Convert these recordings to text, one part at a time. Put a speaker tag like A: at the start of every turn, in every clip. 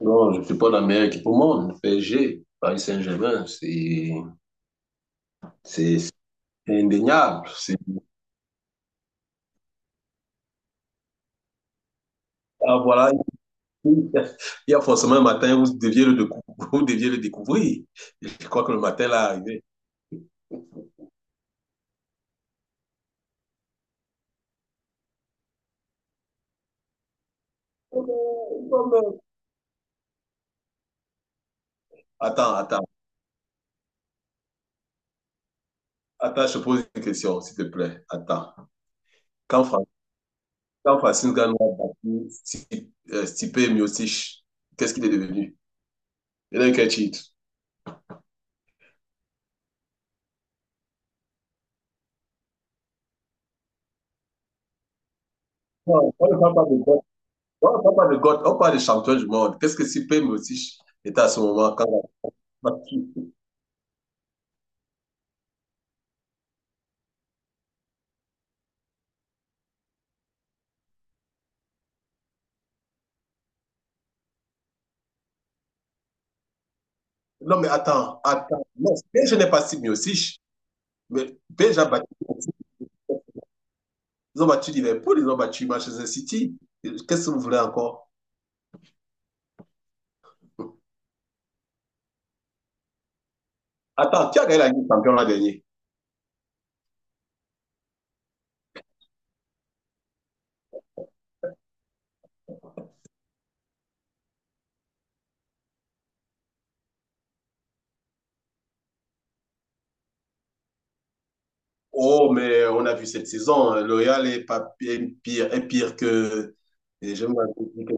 A: Non, je ne suis pas la meilleure équipe au monde. Le PSG, Paris Saint-Germain, c'est indéniable. Ah, voilà, il y a forcément un matin où vous deviez vous deviez le découvrir. Je crois que le matin là est arrivé. Oh non, oh. Attends, attends, attends, je pose une question, s'il te plaît. Attends. Quand, Fra- quand Francine Gano a battu Stipe Miocic, qu'est-ce qu'il est devenu? Il a eu quel titre? Non, on ne parle pas de GOAT. On ne parle pas de GOAT, on parle de champion du monde. Qu'est-ce que Stipe Miocic était à ce moment quand? Non, mais attends. Non, PSG n'est pas si mieux aussi. Mais PSG a battu. Ils ont battu Liverpool, ils ont battu Manchester City. Qu'est-ce que vous voulez encore? Attends, qui a gagné la Ligue des Champions l'an dernier? Oh, mais on a vu cette saison, le Real est, pas, est pire que. Et je me rappelle que.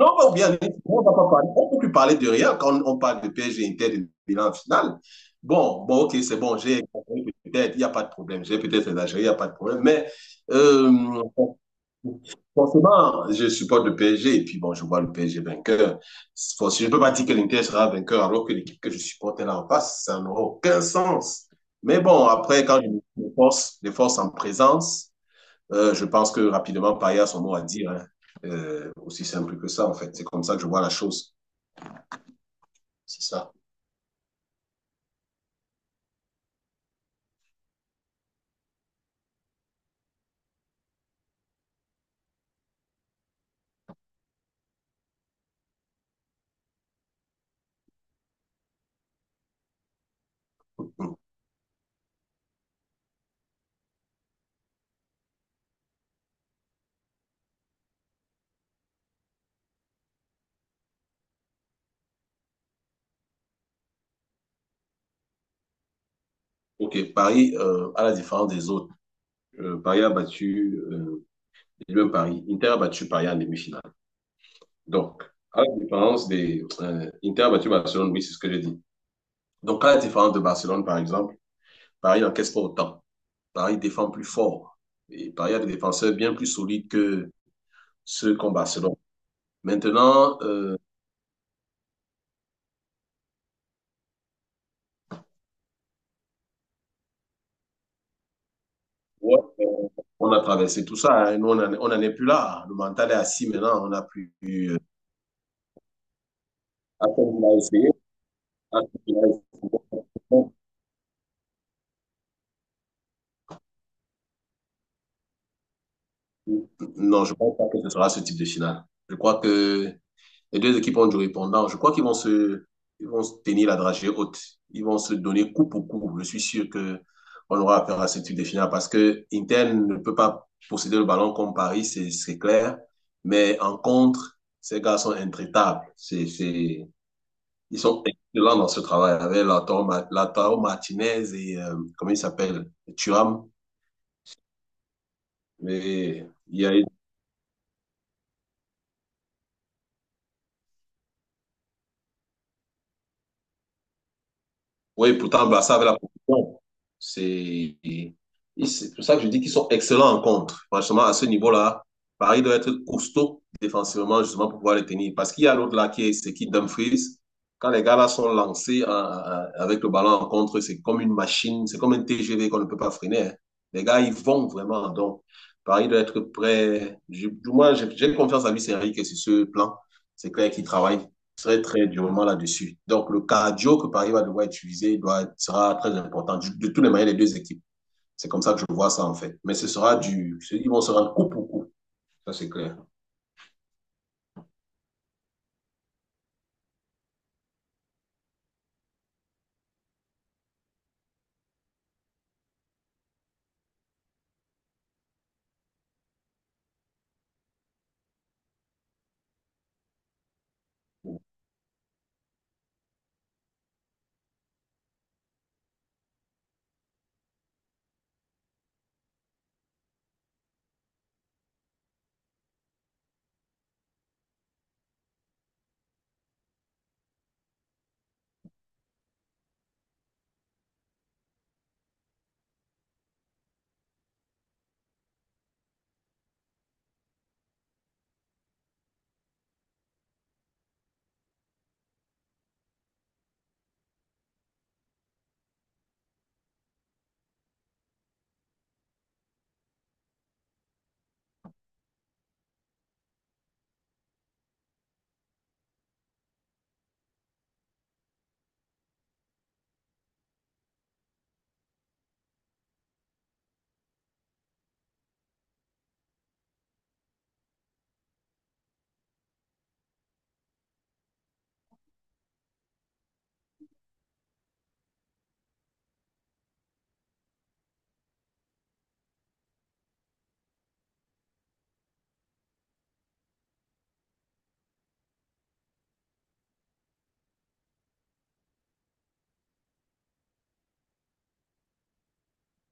A: Non, ou bien, on ne va pas parler. On ne peut plus parler de rien quand on parle de PSG Inter de bilan final. Bon, bon, ok, c'est bon, j'ai peut-être, il n'y a pas de problème. J'ai peut-être exagéré, il n'y a pas de problème. Mais euh, forcément, je supporte le PSG et puis bon, je vois le PSG vainqueur. Je ne peux pas dire que l'Inter sera vainqueur alors que l'équipe que je supporte est là en face. Ça n'aura aucun sens. Mais bon, après, quand je me force, les forces en présence, je pense que rapidement, Paya a son mot à dire, hein. Aussi simple que ça, en fait. C'est comme ça que je vois la chose. C'est ça. OK, Paris, à la différence des autres, Paris a battu, lui, Paris, Inter a battu Paris en demi-finale. Donc, à la différence des... Inter a battu Barcelone, oui, c'est ce que j'ai dit. Donc, à la différence de Barcelone, par exemple, Paris n'encaisse pas autant. Paris défend plus fort. Et Paris a des défenseurs bien plus solides que ceux qu'ont Barcelone. Maintenant, ouais, on a traversé tout ça, hein. Nous, on n'en est plus là. Le mental est assis maintenant. On n'a plus. Euh, à peine il a essayé, à peine il a essayé. Non, je pense pas que ce sera ce type de finale. Je crois que les deux équipes ont du répondant. Je crois qu'ils vont se, ils vont se tenir la dragée haute. Ils vont se donner coup pour coup. Je suis sûr que on aura affaire à ce type de finale parce que Inter ne peut pas posséder le ballon comme Paris, c'est clair. Mais en contre, ces gars sont intraitables. C'est, ils sont excellents dans ce travail avec Lautaro Martinez et comment il s'appelle? Thuram. Mais il y a. Oui, pourtant, Barça avec la position. C'est et c'est pour ça que je dis qu'ils sont excellents en contre. Franchement, à ce niveau-là, Paris doit être costaud défensivement, justement, pour pouvoir les tenir. Parce qu'il y a l'autre là qui est, c'est qui Dumfries. Quand les gars là sont lancés avec le ballon en contre, c'est comme une machine, c'est comme un TGV qu'on ne peut pas freiner, hein. Les gars, ils vont vraiment. Donc, Paris doit être prêt. Du moins, j'ai confiance à Luis Enrique sur ce plan. C'est clair qu'il travaille très, très durement là-dessus. Donc, le cardio que Paris va devoir utiliser doit, sera très important. De toutes les manières, les deux équipes. C'est comme ça que je vois ça, en fait. Mais ce sera du. Ils vont se rendre coup pour coup. Ça, c'est clair.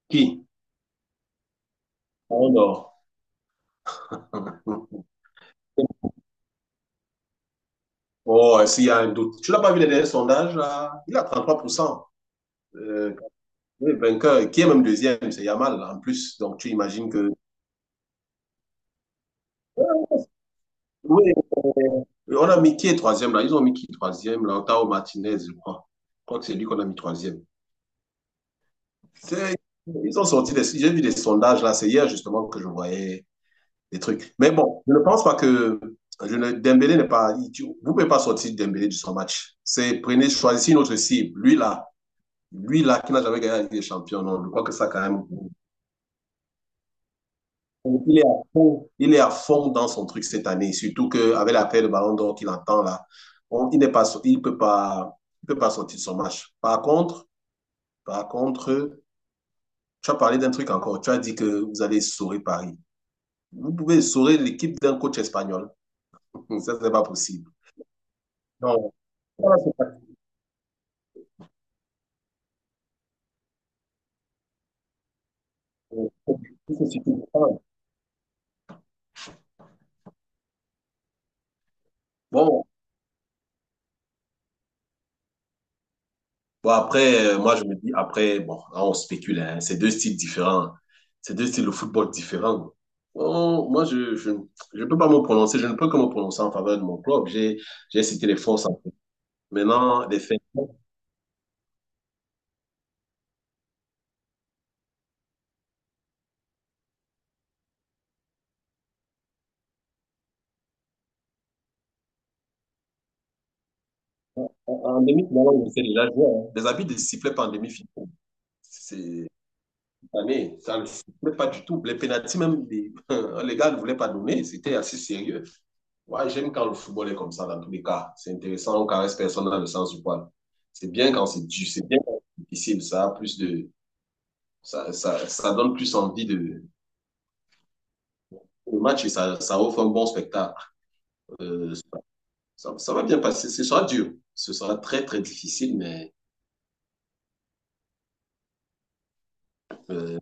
A: Qui? On dort. Oh, s'il y a un doute. Tu n'as pas vu les derniers sondages, là? Il a 33%. Euh, oui, vainqueur, qui est même deuxième, c'est Yamal là, en plus. Donc tu imagines que. Oui, on a mis qui est troisième là? Ils ont mis qui troisième là? Otao Martinez, je crois. Je crois que c'est lui qu'on a mis troisième. C'est- ils ont sorti des... J'ai vu des sondages là, c'est hier justement que je voyais des trucs. Mais bon, je ne pense pas que je ne... Dembélé n'est pas... Vous ne pouvez pas sortir Dembélé de son match. C'est prenez, choisissez une autre cible. Lui là qui n'a jamais gagné la Ligue des Champions, non, je crois que ça quand même... Il est à fond, il est à fond dans son truc cette année, surtout qu'avec l'appel de Ballon d'Or qu'il entend là, il n'est pas... il peut pas... il peut pas sortir de son match. Par contre, tu as parlé d'un truc encore. Tu as dit que vous allez sauver Paris. Vous pouvez essorer l'équipe d'un coach espagnol. Ça, c'est pas possible. Non. Voilà, c'est pas- bon, bon après, moi, je me dis, après, bon, là, on spécule, hein, c'est deux styles différents. C'est deux styles de football différents. Bon, moi, je peux pas me prononcer, je ne peux que me prononcer en faveur de mon club. J'ai cité les forces en fait. Maintenant, les faits. En, en demi-finale, on sait déjà jouer, hein. Les habits ne sifflaient pas en demi-finale. C'est, année. Ça ne plaît pas du tout. Les pénalties, même, les, les gars ne voulaient pas donner. C'était assez sérieux. Ouais, j'aime quand le football est comme ça, dans tous les cas. C'est intéressant, on ne caresse personne dans le sens du poil. C'est bien quand c'est dur, c'est bien quand c'est difficile. Ça, a plus de, ça donne plus envie de, le match et ça offre un bon spectacle. Euh, Ça, ça, va bien passer. Ce sera dur. Ce sera très, très difficile, mais euh,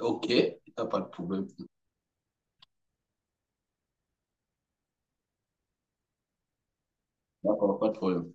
A: OK, pas de problème. Pas de problème.